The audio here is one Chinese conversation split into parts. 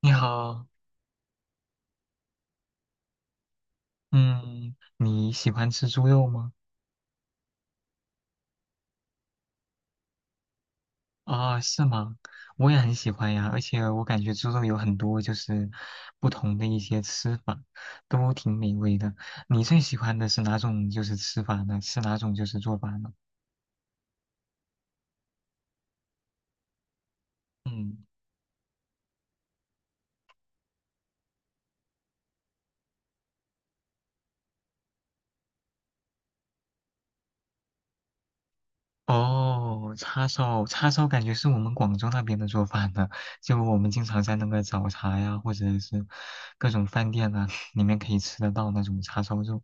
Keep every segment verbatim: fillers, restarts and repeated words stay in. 你好。嗯，你喜欢吃猪肉吗？啊，是吗？我也很喜欢呀，而且我感觉猪肉有很多就是不同的一些吃法，都挺美味的。你最喜欢的是哪种就是吃法呢？是哪种就是做法呢？嗯。哦，叉烧，叉烧感觉是我们广州那边的做法呢，就我们经常在那个早茶呀，或者是各种饭店啊，里面可以吃得到那种叉烧肉。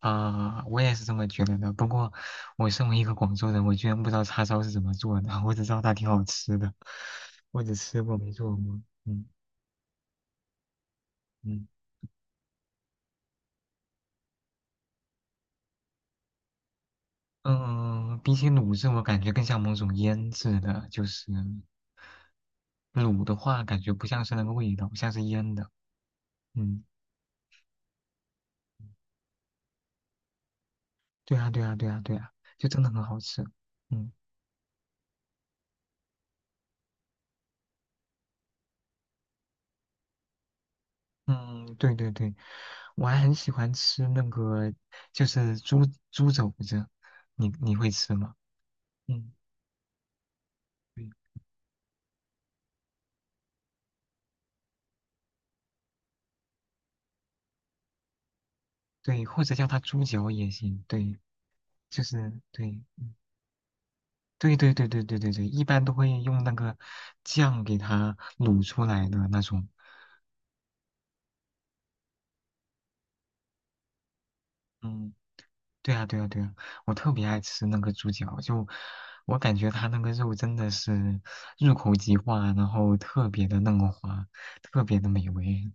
啊，我也是这么觉得的。不过，我身为一个广州人，我居然不知道叉烧是怎么做的，我只知道它挺好吃的，我只吃过没做过。嗯。嗯嗯、呃比起卤制，我感觉更像某种腌制的，就是卤的话，感觉不像是那个味道，像是腌的。嗯，对啊对啊对啊对啊，就真的很好吃。嗯。嗯，对对对，我还很喜欢吃那个，就是猪猪肘子，你你会吃吗？嗯。对对，或者叫它猪脚也行，对，就是对，嗯，对对对对对对对，一般都会用那个酱给它卤出来的那种。嗯，对啊对啊对啊，我特别爱吃那个猪脚，就我感觉它那个肉真的是入口即化，然后特别的嫩滑，特别的美味。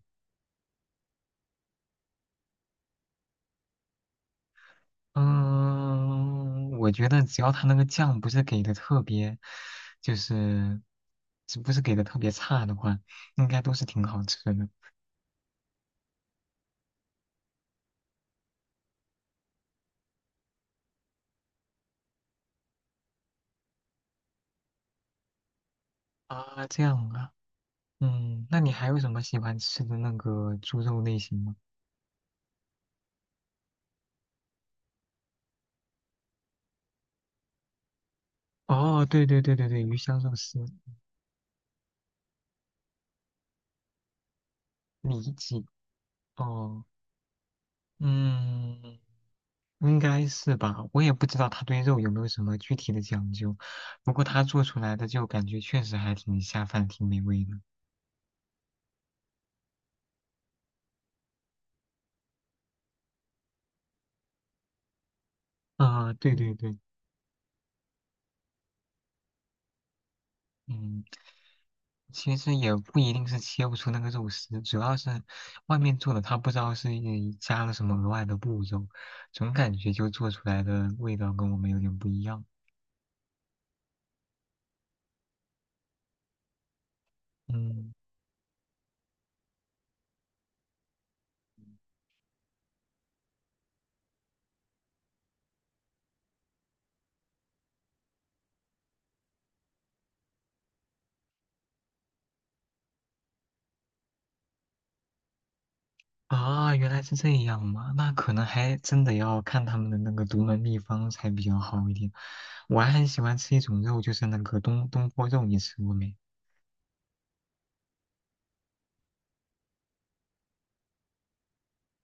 嗯，我觉得只要它那个酱不是给的特别，就是只不是给的特别差的话，应该都是挺好吃的。啊，这样啊。嗯，那你还有什么喜欢吃的那个猪肉类型吗？哦，对对对对对，鱼香肉丝。里脊，哦，嗯，应该是吧，我也不知道他对肉有没有什么具体的讲究，不过他做出来的就感觉确实还挺下饭，挺美味的。啊，对对对。嗯。其实也不一定是切不出那个肉丝，主要是外面做的，他不知道是加了什么额外的步骤，总感觉就做出来的味道跟我们有点不一样。嗯。啊，原来是这样嘛，那可能还真的要看他们的那个独门秘方才比较好一点。我还很喜欢吃一种肉，就是那个东东坡肉，你吃过没？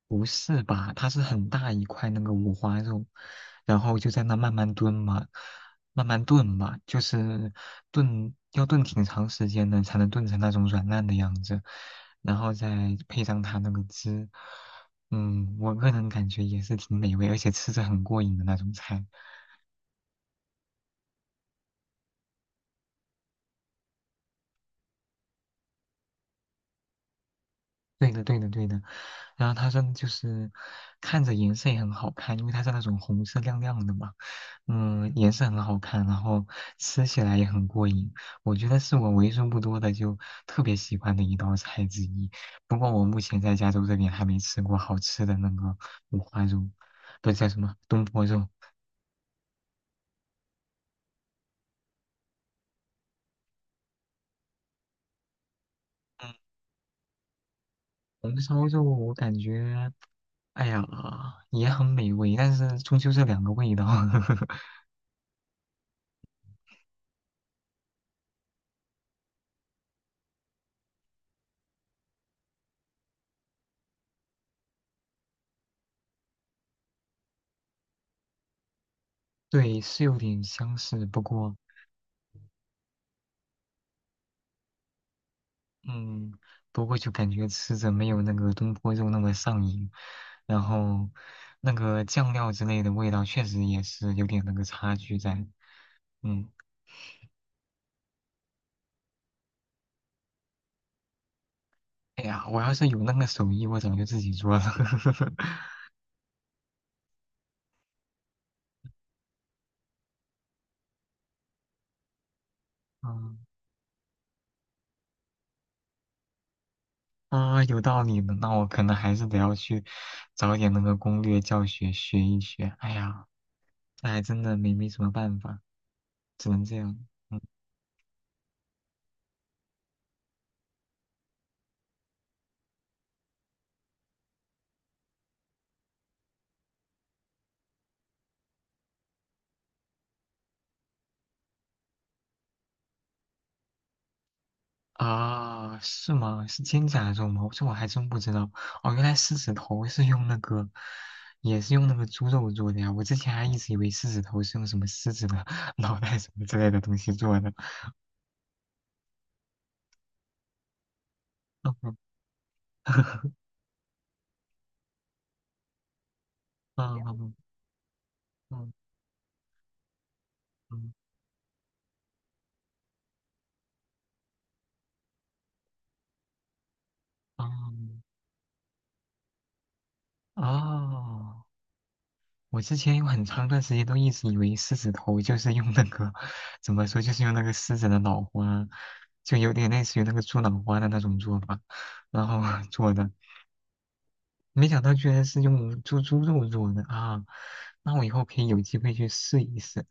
不是吧？它是很大一块那个五花肉，然后就在那慢慢炖嘛，慢慢炖嘛，就是炖要炖挺长时间的，才能炖成那种软烂的样子，然后再配上它那个汁。嗯，我个人感觉也是挺美味，而且吃着很过瘾的那种菜。对的，对的，对的。然后它真的就是看着颜色也很好看，因为它是那种红色亮亮的嘛。嗯，颜色很好看，然后吃起来也很过瘾。我觉得是我为数不多的就特别喜欢的一道菜之一。不过我目前在加州这边还没吃过好吃的那个五花肉，不是叫什么东坡肉。嗯，红烧肉我感觉，哎呀，也很美味，但是终究是两个味道。对，是有点相似，不过。嗯，不过就感觉吃着没有那个东坡肉那么上瘾，然后那个酱料之类的味道确实也是有点那个差距在。嗯。哎呀，我要是有那个手艺，我早就自己做了。嗯。啊，有道理的，那我可能还是得要去找点那个攻略教学学一学。哎呀，这还真的没没什么办法，只能这样。嗯。啊，是吗？是肩胛肉吗？这我还真不知道。哦，原来狮子头是用那个，也是用那个猪肉做的呀。我之前还一直以为狮子头是用什么狮子的 脑袋什么之类的东西做的。嗯嗯嗯嗯嗯嗯哦，我之前有很长一段时间都一直以为狮子头就是用那个，怎么说，就是用那个狮子的脑花，就有点类似于那个猪脑花的那种做法，然后 做的。没想到居然是用猪猪肉做的啊！那我以后可以有机会去试一试。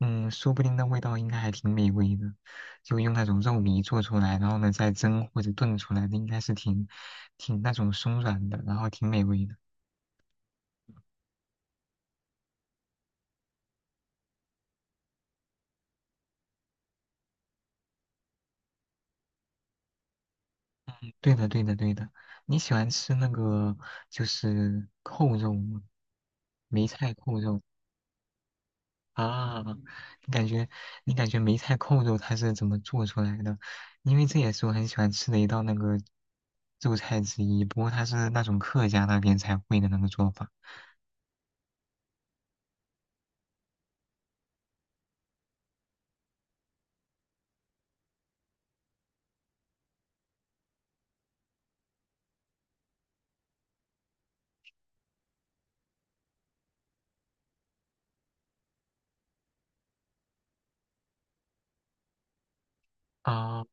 嗯，说不定那味道应该还挺美味的。就用那种肉糜做出来，然后呢再蒸或者炖出来的，应该是挺挺那种松软的，然后挺美味的。对的，对的，对的。你喜欢吃那个就是扣肉吗？梅菜扣肉。啊，你感觉你感觉梅菜扣肉它是怎么做出来的？因为这也是我很喜欢吃的一道那个肉菜之一，不过它是那种客家那边才会的那个做法。啊，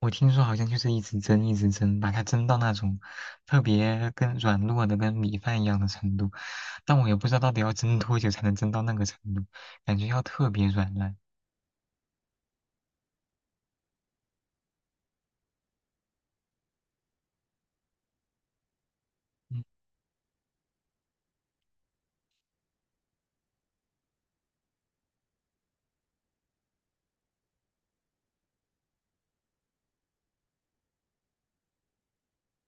我听说好像就是一直蒸，一直蒸，把它蒸到那种特别跟软糯的跟米饭一样的程度，但我也不知道到底要蒸多久才能蒸到那个程度，感觉要特别软烂。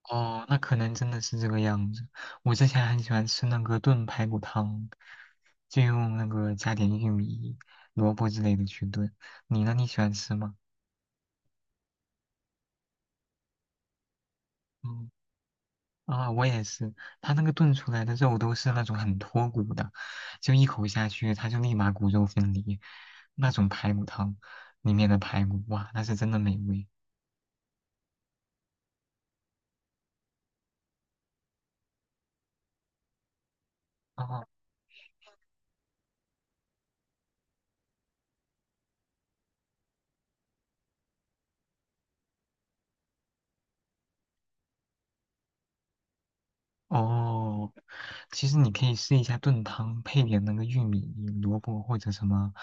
哦，那可能真的是这个样子。我之前很喜欢吃那个炖排骨汤，就用那个加点玉米、萝卜之类的去炖。你呢？你喜欢吃吗？嗯，啊，我也是。它那个炖出来的肉都是那种很脱骨的，就一口下去，它就立马骨肉分离。那种排骨汤里面的排骨，哇，那是真的美味。哦，哦，其实你可以试一下炖汤，配点那个玉米、萝卜或者什么，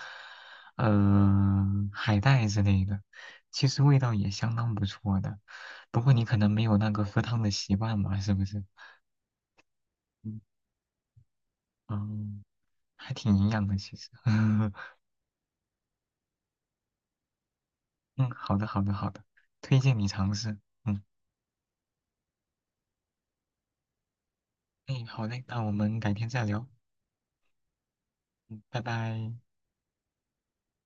呃，海带之类的，其实味道也相当不错的。不过你可能没有那个喝汤的习惯嘛，是不是？嗯。嗯，还挺营养的，其实。嗯，好的，好的，好的，推荐你尝试。嗯，哎，好嘞，那我们改天再聊，嗯，拜拜。